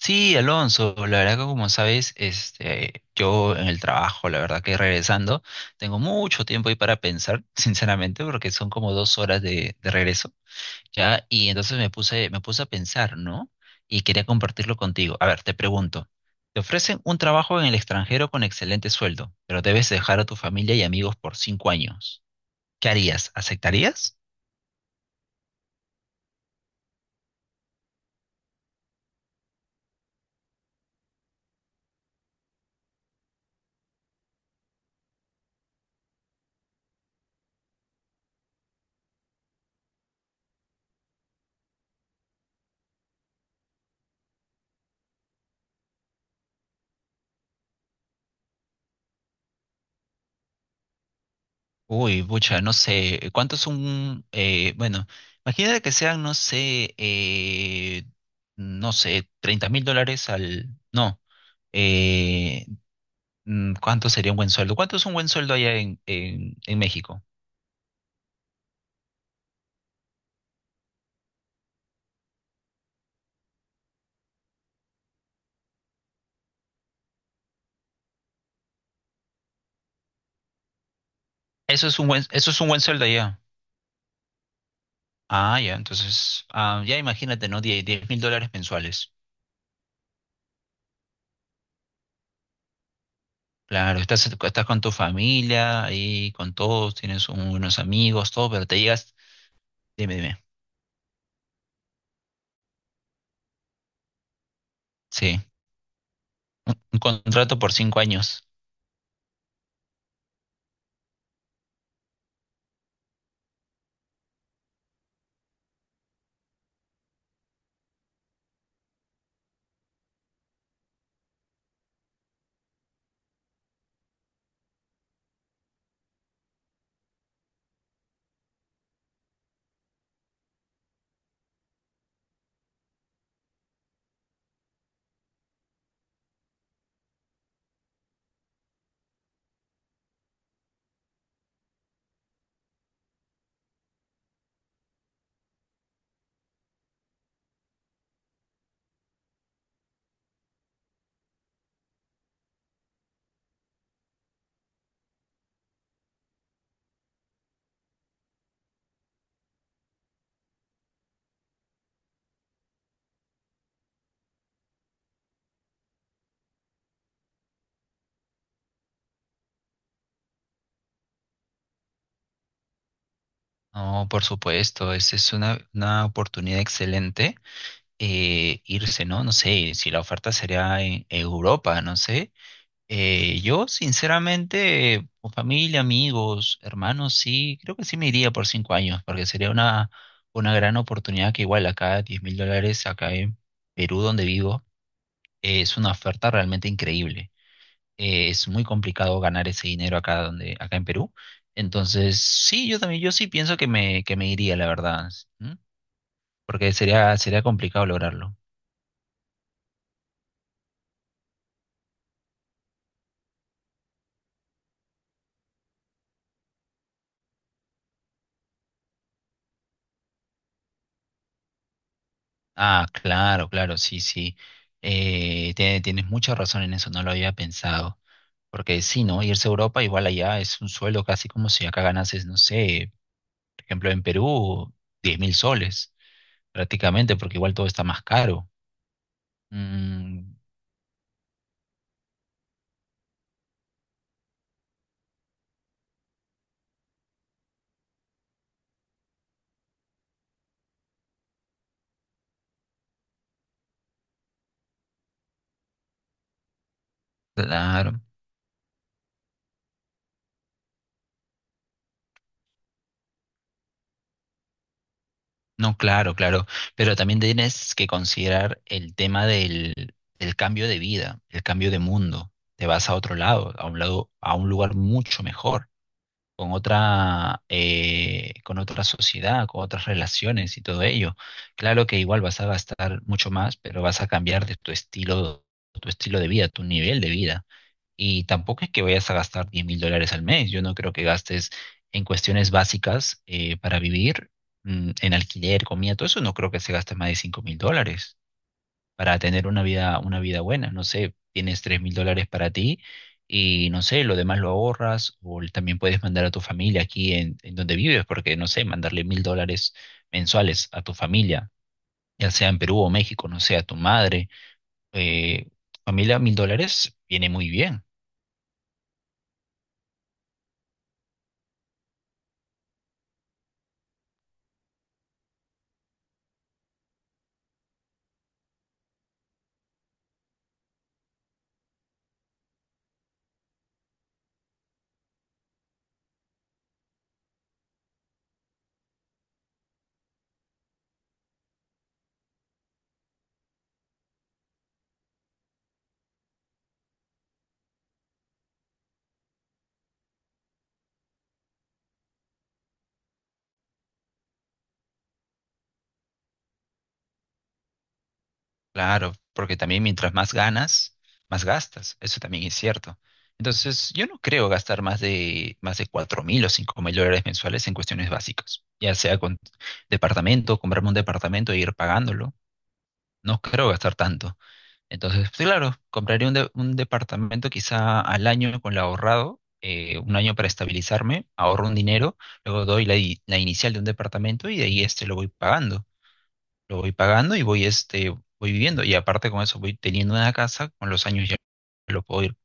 Sí, Alonso, la verdad que como sabes, este, yo en el trabajo, la verdad que regresando, tengo mucho tiempo ahí para pensar, sinceramente, porque son como 2 horas de regreso, ¿ya? Y entonces me puse a pensar, ¿no? Y quería compartirlo contigo. A ver, te pregunto, te ofrecen un trabajo en el extranjero con excelente sueldo, pero debes dejar a tu familia y amigos por 5 años. ¿Qué harías? ¿Aceptarías? Uy, pucha, no sé, ¿cuántos son? Bueno, imagínate que sean, no sé, no sé, 30.000 dólares No, eh, ¿cuánto sería un buen sueldo? ¿Cuánto es un buen sueldo allá en, en México? Eso es un buen, eso es un buen sueldo allá. Ah, ya, entonces, ya imagínate, ¿no? 10.000 dólares mensuales. Claro, estás con tu familia, ahí con todos, tienes unos amigos, todo, pero te llegas, dime, dime, sí, un contrato por 5 años. No, por supuesto, esa es una oportunidad excelente, irse, ¿no? No sé si la oferta sería en Europa, no sé. Yo, sinceramente, con familia, amigos, hermanos, sí, creo que sí me iría por 5 años, porque sería una gran oportunidad, que igual acá, 10.000 dólares, acá en Perú, donde vivo, es una oferta realmente increíble, es muy complicado ganar ese dinero acá donde, acá en Perú. Entonces, sí, yo también, yo sí pienso que me iría, la verdad, ¿m? Porque sería complicado lograrlo. Ah, claro, claro, sí, sí. Tienes mucha razón en eso, no lo había pensado. Porque sí, ¿no? Irse a Europa igual allá es un sueldo casi como si acá ganases, no sé, por ejemplo, en Perú, 10.000 soles, prácticamente, porque igual todo está más caro. Mm, claro. No, claro, claro, pero también tienes que considerar el tema del cambio de vida, el cambio de mundo. Te vas a otro lado, a un lugar mucho mejor, con otra sociedad, con otras relaciones y todo ello. Claro que igual vas a gastar mucho más, pero vas a cambiar de tu estilo de vida, tu nivel de vida. Y tampoco es que vayas a gastar 10.000 dólares al mes. Yo no creo que gastes en cuestiones básicas, para vivir, en alquiler, comida, todo eso. No creo que se gaste más de 5.000 dólares para tener una vida buena. No sé, tienes 3.000 dólares para ti y no sé, lo demás lo ahorras, o también puedes mandar a tu familia aquí en donde vives, porque no sé, mandarle 1.000 dólares mensuales a tu familia, ya sea en Perú o México, no sé, a tu madre, eh, familia, 1.000 dólares viene muy bien. Claro, porque también mientras más ganas, más gastas. Eso también es cierto. Entonces, yo no creo gastar más de 4.000 o 5.000 dólares mensuales en cuestiones básicas, ya sea con departamento, comprarme un departamento e ir pagándolo. No creo gastar tanto. Entonces, sí, claro, compraré un departamento quizá al año con lo ahorrado, un año para estabilizarme, ahorro un dinero, luego doy la inicial de un departamento, y de ahí lo voy pagando y voy, voy viviendo. Y aparte con eso voy teniendo una casa, con los años ya lo puedo ir,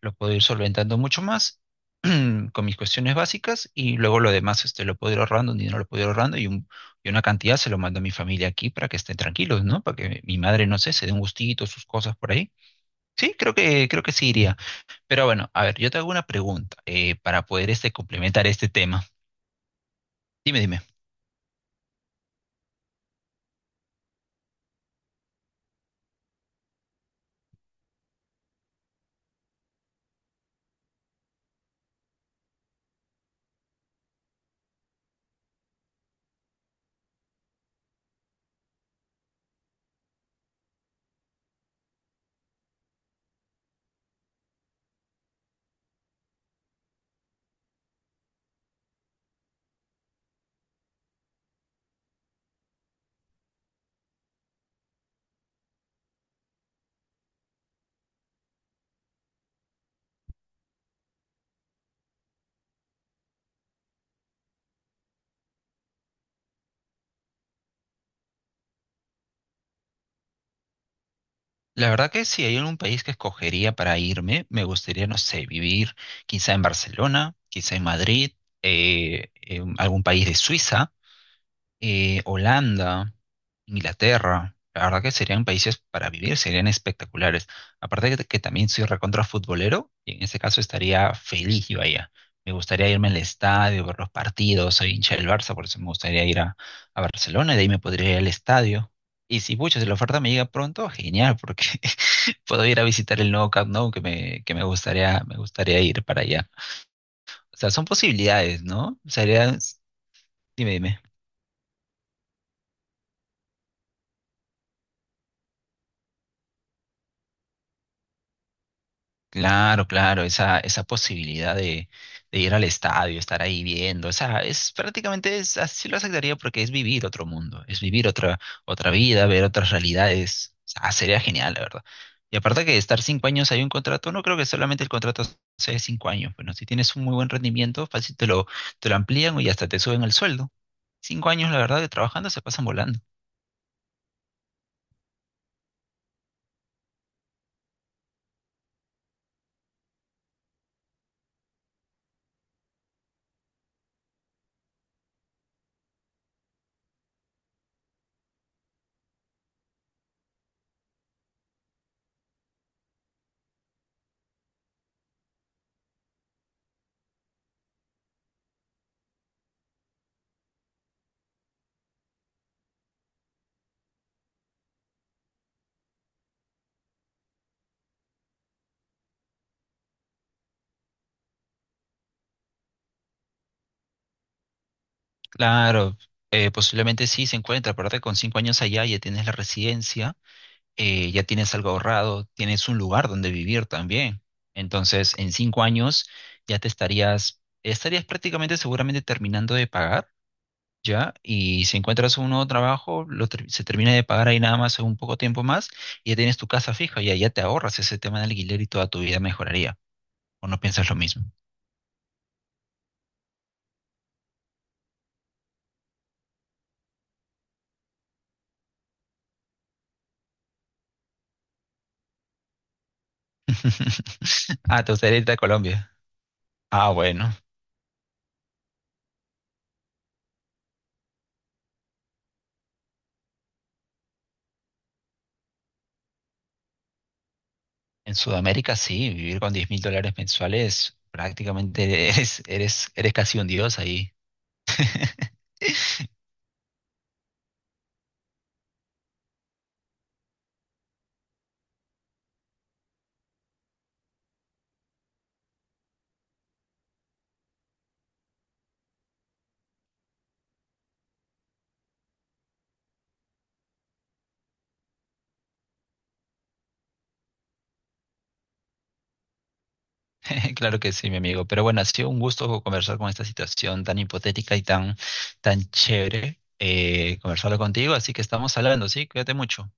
lo puedo ir solventando mucho más con mis cuestiones básicas, y luego lo demás, lo puedo ir ahorrando, un dinero lo puedo ir ahorrando, y una cantidad se lo mando a mi familia aquí para que estén tranquilos, ¿no? Para que mi madre, no sé, se dé un gustito, sus cosas por ahí. Sí, creo que sí iría. Pero bueno, a ver, yo te hago una pregunta, para poder complementar este tema. Dime, dime. La verdad que si hay algún país que escogería para irme, me gustaría, no sé, vivir quizá en Barcelona, quizá en Madrid, en algún país de Suiza, Holanda, Inglaterra. La verdad que serían países para vivir, serían espectaculares. Aparte de que también soy recontra futbolero, y en ese caso estaría feliz yo allá. Me gustaría irme al estadio, ver los partidos, soy hincha del Barça, por eso me gustaría ir a Barcelona, y de ahí me podría ir al estadio. Y si, pucha, si la oferta me llega pronto, genial, porque puedo ir a visitar el nuevo Camp Nou, que me, que me gustaría ir para allá. O sea, son posibilidades, ¿no? Sería, dime, dime. Claro, claro, esa posibilidad de ir al estadio, estar ahí viendo, o sea, es prácticamente, así lo aceptaría, porque es vivir otro mundo, es vivir otra vida, ver otras realidades, o sea, sería genial, la verdad. Y aparte que estar 5 años hay un contrato, no creo que solamente el contrato sea de 5 años, bueno, si tienes un muy buen rendimiento, fácil te lo amplían y hasta te suben el sueldo. 5 años, la verdad, que trabajando se pasan volando. Claro, posiblemente sí se encuentra, aparte con 5 años allá ya tienes la residencia, ya tienes algo ahorrado, tienes un lugar donde vivir también. Entonces, en 5 años ya te estarías prácticamente seguramente terminando de pagar, ¿ya? Y si encuentras un nuevo trabajo, se termina de pagar ahí nada más en un poco tiempo más, y ya tienes tu casa fija, ya te ahorras ese tema de alquiler y toda tu vida mejoraría. ¿O no piensas lo mismo? Ah, te gustaría irte a Colombia. Ah, bueno. En Sudamérica sí, vivir con 10.000 dólares mensuales prácticamente eres casi un dios ahí. Claro que sí, mi amigo. Pero bueno, ha sido un gusto conversar con esta situación tan hipotética y tan chévere, conversarlo contigo. Así que estamos hablando, ¿sí? Cuídate mucho.